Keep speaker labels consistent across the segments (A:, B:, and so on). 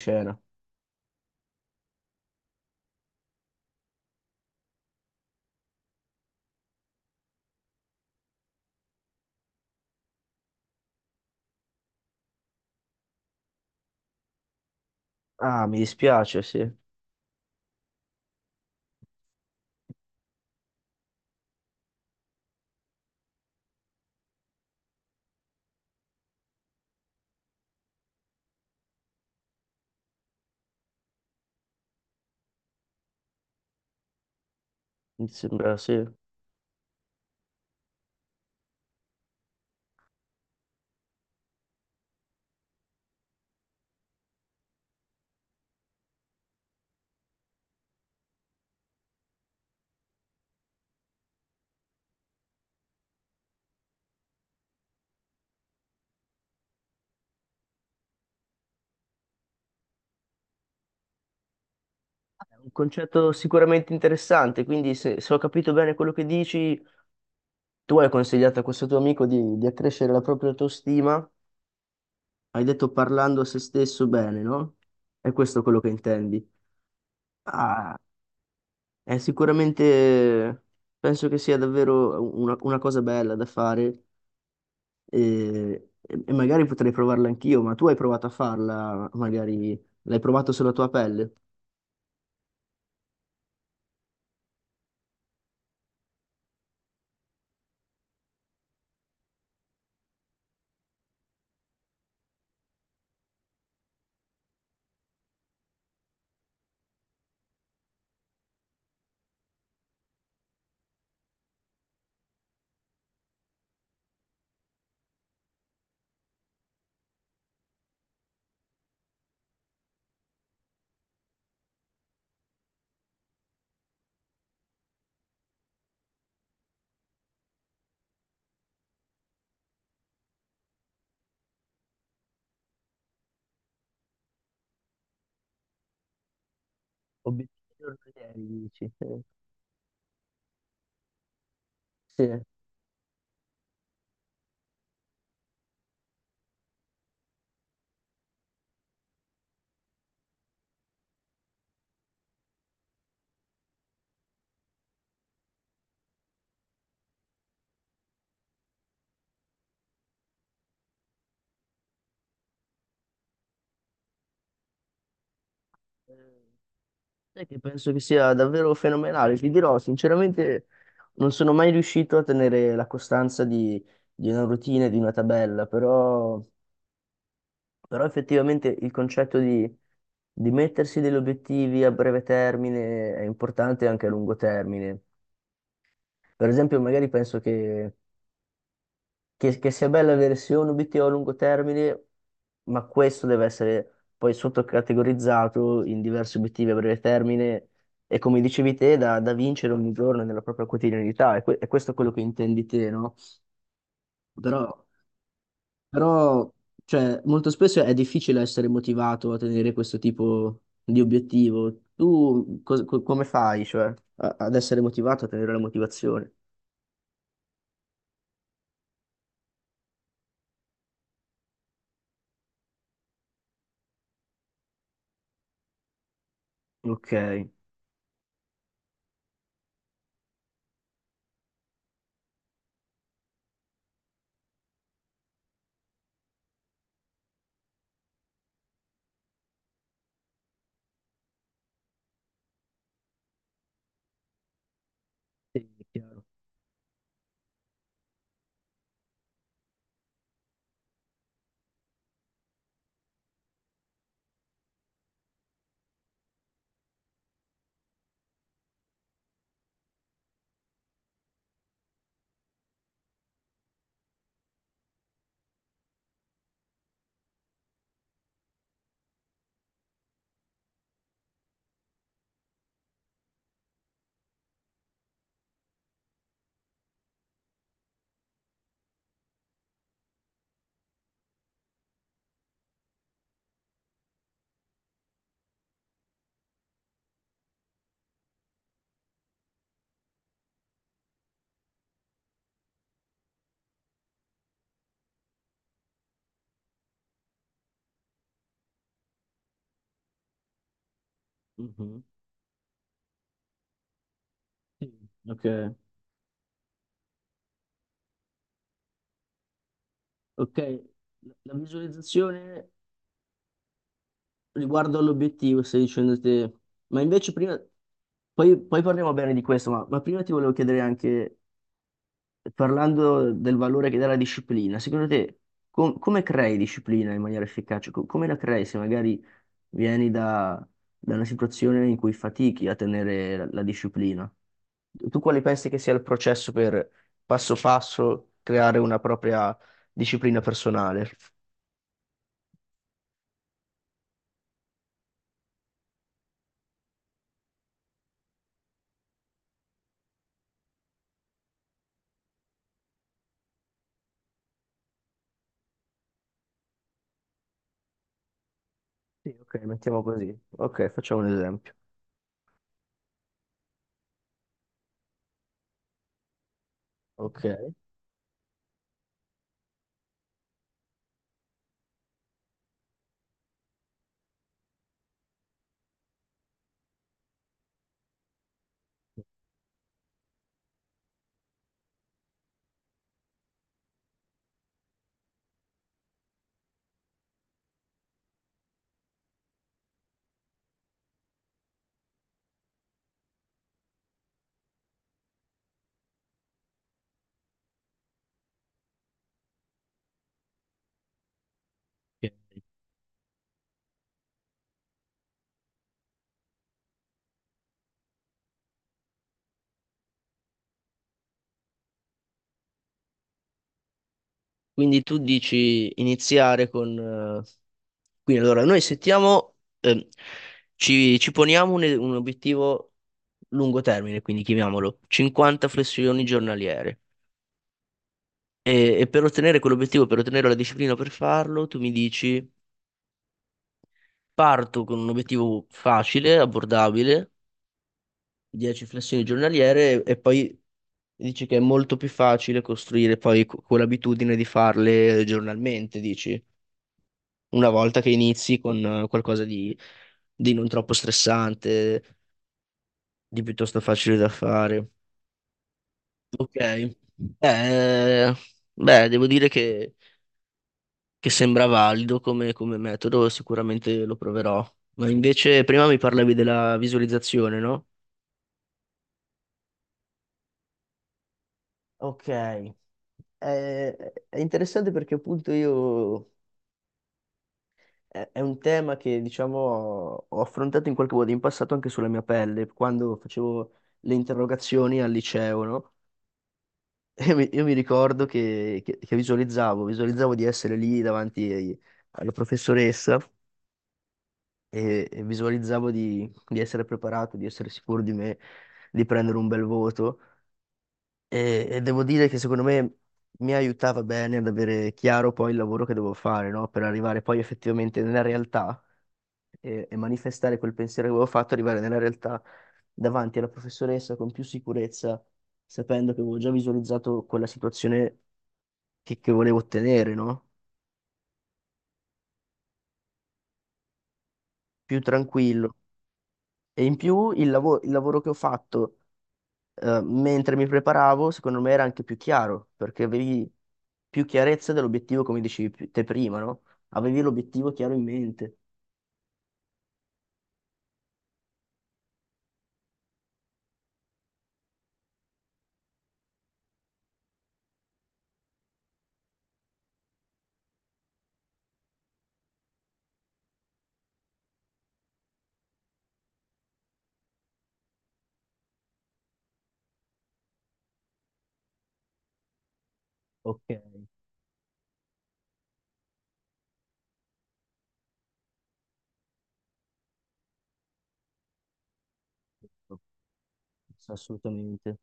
A: Cena. Ah, mi dispiace, sì. Mi sembra, sì. È un concetto sicuramente interessante, quindi se ho capito bene quello che dici, tu hai consigliato a questo tuo amico di accrescere la propria autostima, hai detto parlando a se stesso bene, no? È questo quello che intendi. Ah, è sicuramente, penso che sia davvero una cosa bella da fare e magari potrei provarla anch'io, ma tu hai provato a farla, magari l'hai provato sulla tua pelle. Obiettivi giornalieri, dici? Sì. Sai che penso che sia davvero fenomenale, ti dirò, sinceramente non sono mai riuscito a tenere la costanza di una routine, di una tabella, però effettivamente il concetto di mettersi degli obiettivi a breve termine è importante anche a lungo termine. Per esempio, magari penso che sia bella avere sia un obiettivo a lungo termine, ma questo deve essere poi sottocategorizzato in diversi obiettivi a breve termine e come dicevi te, da vincere ogni giorno nella propria quotidianità, e, e questo è quello che intendi te, no? Però, però cioè, molto spesso è difficile essere motivato a tenere questo tipo di obiettivo. Tu come fai, cioè, ad essere motivato, a tenere la motivazione? Ok, sì, è chiaro. Mhm. Sì. Ok. Ok, la visualizzazione riguardo all'obiettivo, stai dicendo te, ma invece prima, poi parliamo bene di questo, ma prima ti volevo chiedere anche, parlando del valore che dà la disciplina, secondo te come crei disciplina in maniera efficace? Come la crei se magari vieni da una situazione in cui fatichi a tenere la disciplina? Tu quale pensi che sia il processo per passo passo creare una propria disciplina personale? Sì, ok, mettiamo così. Ok, facciamo un esempio. Ok. Ok. Quindi tu dici iniziare con quindi allora noi settiamo, ehm, ci poniamo un obiettivo lungo termine, quindi chiamiamolo 50 flessioni giornaliere. E per ottenere quell'obiettivo, per ottenere la disciplina per farlo, tu mi dici parto con un obiettivo facile, abbordabile, 10 flessioni giornaliere e poi dici che è molto più facile costruire poi quell'abitudine di farle giornalmente, dici? Una volta che inizi con qualcosa di non troppo stressante, di piuttosto facile da fare. Ok. Eh, beh, devo dire che sembra valido come metodo, sicuramente lo proverò. Ma invece prima mi parlavi della visualizzazione, no? Ok. Eh, è interessante perché appunto io è un tema che, diciamo, ho affrontato in qualche modo in passato anche sulla mia pelle, quando facevo le interrogazioni al liceo, no? E io mi ricordo che visualizzavo, visualizzavo di essere lì davanti alla professoressa e visualizzavo di essere preparato, di essere sicuro di me, di prendere un bel voto. E devo dire che secondo me mi aiutava bene ad avere chiaro poi il lavoro che devo fare, no? Per arrivare poi effettivamente nella realtà e manifestare quel pensiero che avevo fatto, arrivare nella realtà davanti alla professoressa con più sicurezza, sapendo che avevo già visualizzato quella situazione che volevo ottenere, no? Più tranquillo. E in più il il lavoro che ho fatto mentre mi preparavo, secondo me era anche più chiaro, perché avevi più chiarezza dell'obiettivo, come dicevi te prima, no? Avevi l'obiettivo chiaro in mente. Ok, ok, assolutamente.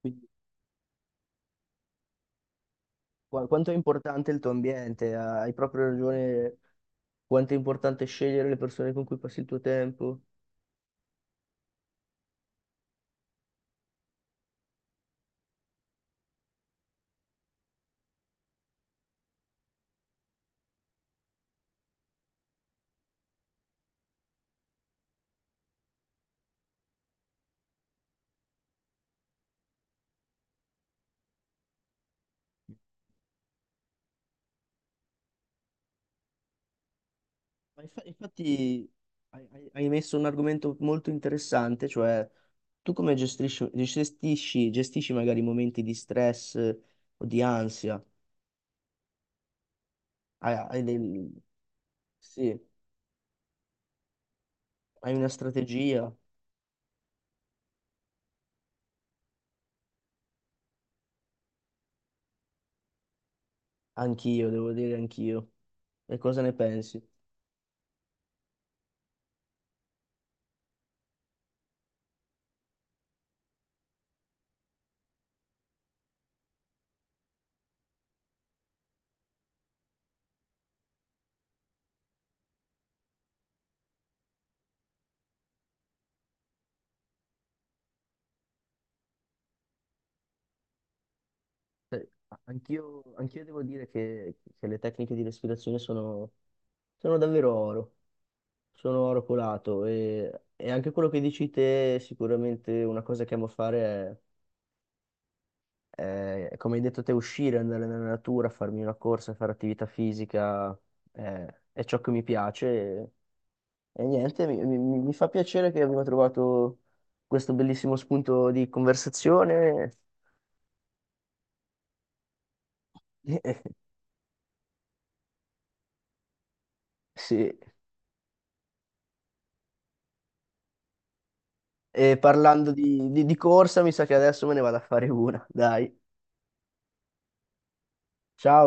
A: Quindi quanto è importante il tuo ambiente? Ah, hai proprio ragione. Quanto è importante scegliere le persone con cui passi il tuo tempo. Ma infatti, hai messo un argomento molto interessante, cioè tu come gestisci magari momenti di stress o di ansia? Hai, hai del- sì, hai una strategia? Anch'io, devo dire anch'io. E cosa ne pensi? Eh, Anch'io, anch'io devo dire che le tecniche di respirazione sono sono davvero oro. Sono arrucolato e anche quello che dici te, sicuramente una cosa che amo fare è, come hai detto te, uscire, andare nella natura, farmi una corsa, fare attività fisica, è, è ciò che mi piace e, e niente, mi fa piacere che abbiamo trovato questo bellissimo spunto di conversazione. Sì, e parlando di corsa, mi sa che adesso me ne vado a fare una, dai. Ciao!